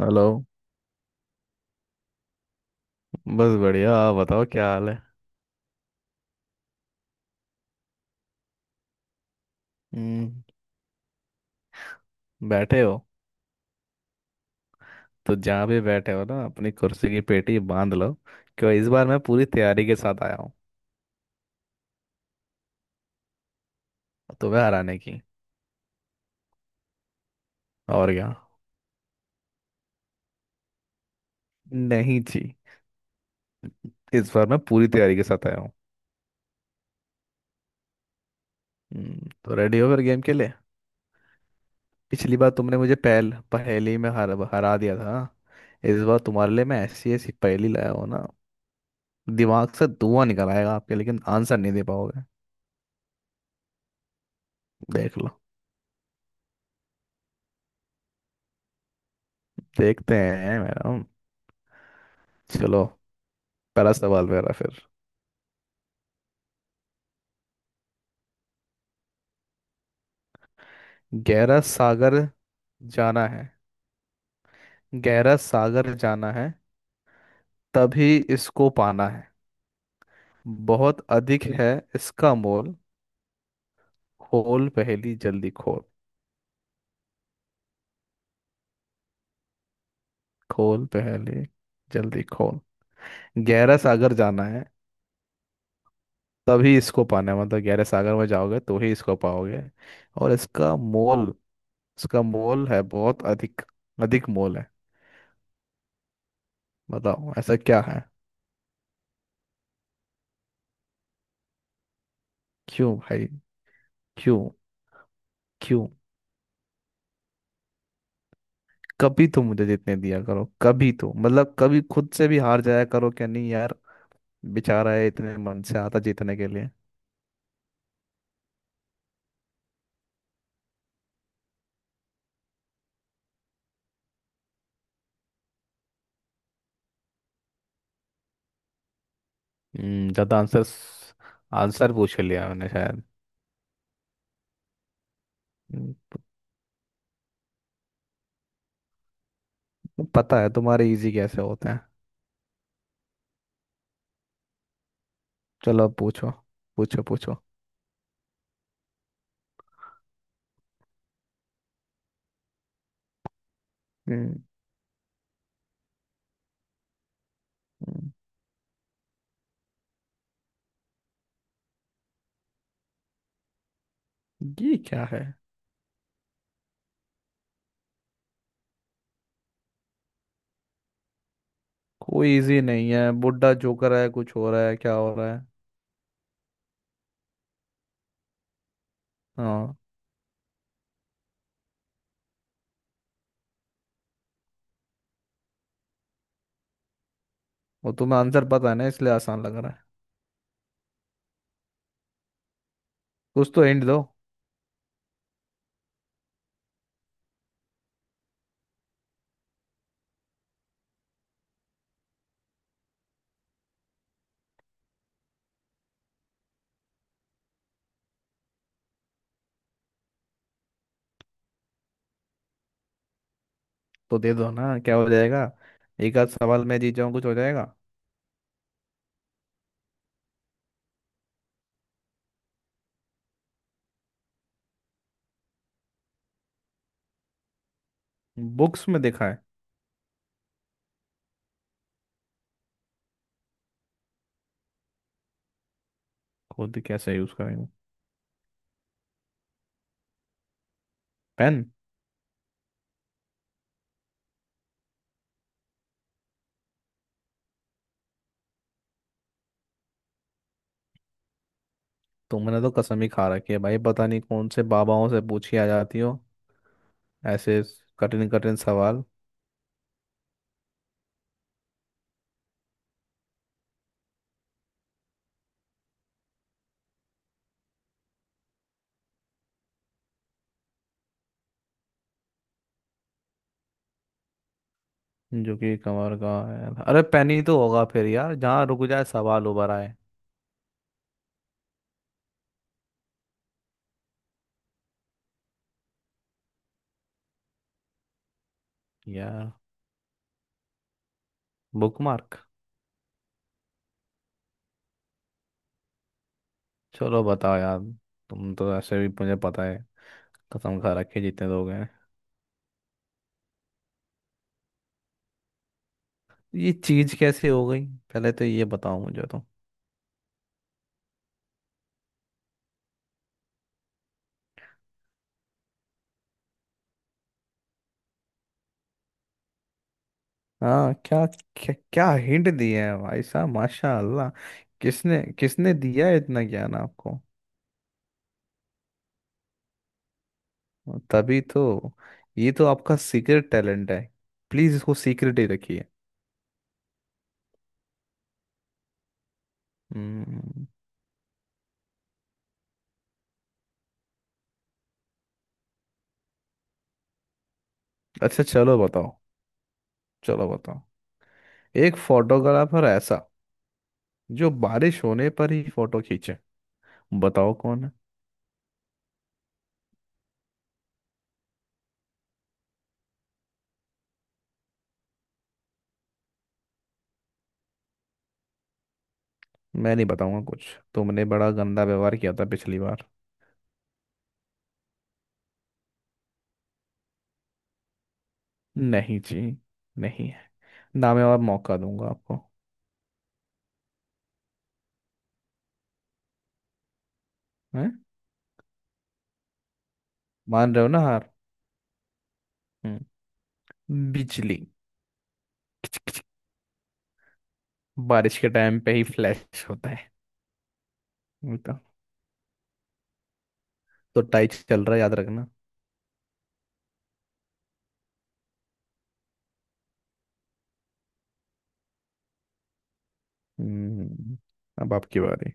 Hello. बस बढ़िया, आप बताओ क्या हाल है। हम्म। बैठे हो? तो जहाँ भी बैठे हो ना अपनी कुर्सी की पेटी बांध लो। क्यों? इस बार मैं पूरी तैयारी के साथ आया हूँ। तुम्हें हराने की। और क्या। नहीं जी, इस बार मैं पूरी तैयारी के साथ आया हूँ। तो रेडी हो फिर गेम के लिए। पिछली बार तुमने मुझे पहल पहेली में हरा दिया था। इस बार तुम्हारे लिए मैं ऐसी ऐसी पहेली लाया हूँ ना, दिमाग से धुआं निकल आएगा आपके, लेकिन आंसर नहीं दे पाओगे। देख लो। देखते हैं मैडम। चलो। पहला सवाल मेरा फिर। गहरा सागर जाना है। गहरा सागर जाना है, तभी इसको पाना है। बहुत अधिक है इसका मोल। खोल पहेली जल्दी खोल। खोल पहेली जल्दी खोल। गहरा सागर जाना है, तभी इसको पाना है। मतलब गहरे सागर में जाओगे तो ही इसको पाओगे। और इसका मोल, इसका मोल है बहुत अधिक। अधिक मोल है। बताओ ऐसा क्या है। क्यों भाई? क्यों? क्यों? कभी तो मुझे जीतने दिया करो, कभी तो, मतलब कभी खुद से भी हार जाया करो क्या, नहीं यार। बेचारा है, इतने मन से आता जीतने के लिए। ज्यादा आंसर, आंसर पूछ लिया मैंने शायद। हम्म, पता है तुम्हारे इजी कैसे होते हैं। चलो अब पूछो। पूछो पूछो। हम्म हम्म, ये क्या है? कोई इजी नहीं है, बुड्ढा जोकर है, कुछ हो रहा है, क्या हो रहा है। हाँ, वो तुम्हें आंसर पता है ना, इसलिए आसान लग रहा है। कुछ तो एंड दो। तो दे दो ना, क्या हो जाएगा। एक आध सवाल मैं जीत जाऊं, कुछ हो जाएगा। बुक्स में देखा है? खुद कैसे यूज करेंगे? पेन। तुमने तो कसम ही खा रखी है भाई, पता नहीं कौन से बाबाओं से पूछी आ जाती हो ऐसे कठिन कठिन सवाल। जो कि कमर का है। अरे पेन ही तो होगा फिर यार, जहाँ रुक जाए सवाल उभर आए। यार, बुक मार्क। चलो बताओ यार, तुम तो ऐसे भी मुझे पता है, कसम खा रखी है जितने लोग हैं। ये चीज कैसे हो गई पहले तो ये बताओ मुझे तो। हाँ, क्या क्या, क्या हिंट दिया है भाई साहब, माशाल्लाह। किसने किसने दिया है इतना ज्ञान आपको। तभी तो, ये तो आपका सीक्रेट टैलेंट है। प्लीज इसको सीक्रेट ही रखिए। हम्म, अच्छा चलो बताओ। चलो बताओ। एक फोटोग्राफर ऐसा, जो बारिश होने पर ही फोटो खींचे। बताओ कौन है। मैं नहीं बताऊंगा कुछ, तुमने बड़ा गंदा व्यवहार किया था पिछली बार। नहीं जी, नहीं है। ना मैं और मौका दूंगा आपको। हैं? मान रहे हो ना हार? बिजली। बारिश के टाइम पे ही फ्लैश होता है। वो तो। तो टाइट चल रहा है, याद रखना। हम्म। अब आपकी बारी।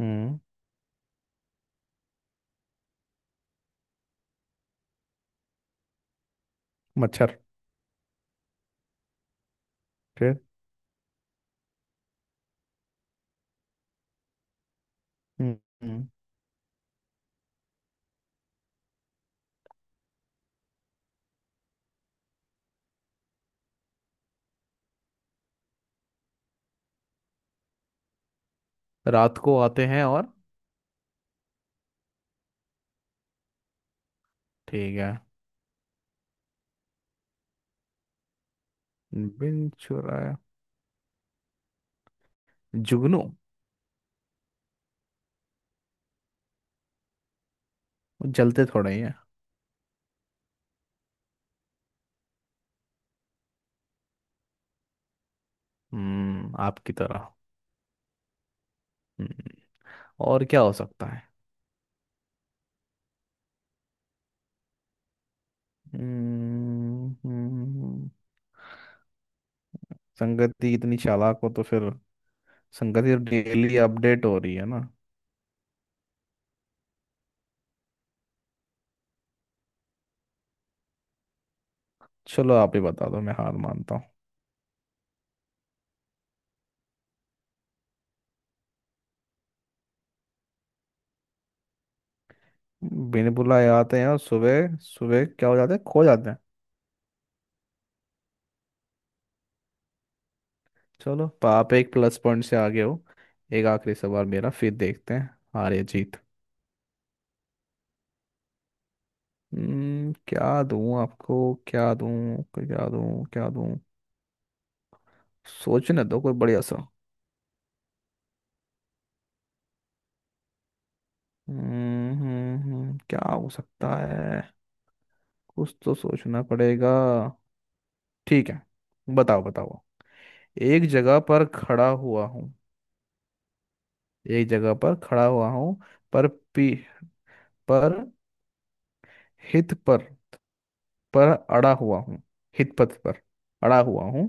हम्म। मच्छर। फिर? हम्म हम्म, रात को आते हैं और, ठीक है। बिन चुराया, जुगनू। वो जलते थोड़े ही है। हम्म, आपकी तरह। हम्म। और क्या हो सकता है। हम्म हम्म, संगति इतनी चालाक हो तो फिर, संगति डेली अपडेट हो रही है ना। चलो आप ही बता दो, मैं हार मानता हूँ। बिन बुलाए आते हैं और सुबह सुबह क्या हो जाते हैं, खो जाते हैं। चलो आप एक प्लस पॉइंट से आगे हो। एक आखिरी सवाल मेरा फिर, देखते हैं हार या जीत। हम्म, क्या दूं आपको। क्या दूं। क्या दूं क्या दूं। सोचने दो कोई बढ़िया सा। क्या हो सकता है? कुछ तो सोचना पड़ेगा। ठीक है, बताओ बताओ। एक जगह पर खड़ा हुआ हूँ। एक जगह पर खड़ा हुआ हूँ, पर पी पर हित पर अड़ा हुआ हूँ। हित पथ पर अड़ा हुआ हूँ।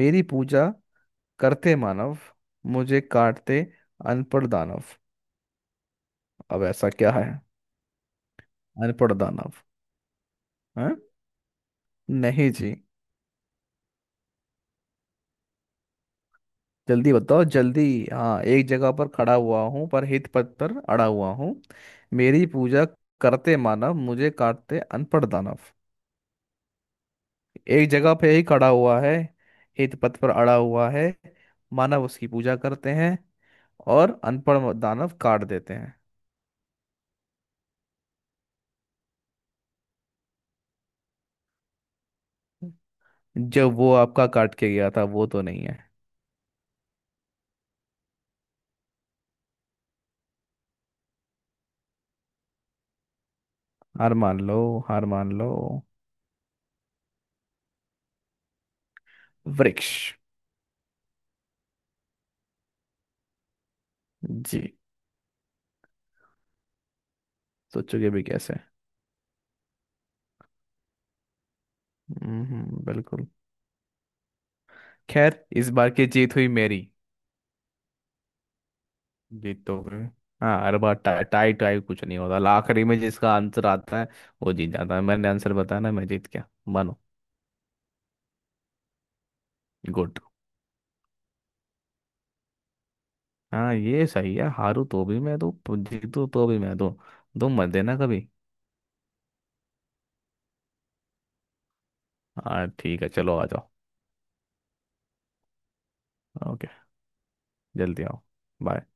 मेरी पूजा करते मानव, मुझे काटते अनपढ़ दानव। अब ऐसा क्या है? अनपढ़ दानव। हैं? नहीं जी। जल्दी बताओ जल्दी। हाँ, एक जगह पर खड़ा हुआ हूँ, पर हित पथ पर अड़ा हुआ हूँ। मेरी पूजा करते मानव, मुझे काटते अनपढ़ दानव। एक जगह पे ही खड़ा हुआ है। हित पथ पर अड़ा हुआ है। मानव उसकी पूजा करते हैं। और अनपढ़ दानव काट देते हैं। जो वो आपका काट के गया था वो तो नहीं है। हार मान लो। हार मान लो। वृक्ष। जी। सोचोगे भी कैसे। हम्म, बिल्कुल। खैर, इस बार की जीत हुई मेरी। जीत तो हुई। हाँ, हर बार टाई टाई टाई, कुछ नहीं होता। आखिरी में जिसका आंसर आता है वो जीत जाता है। मैंने आंसर बताया ना, मैं जीत गया, मानो। गुड। हाँ ये सही है, हारू तो भी मैं दूँ, जीतू तो भी मैं दूँ, तुम मत देना कभी। हाँ ठीक है, चलो आ जाओ। ओके। जल्दी आओ। बाय।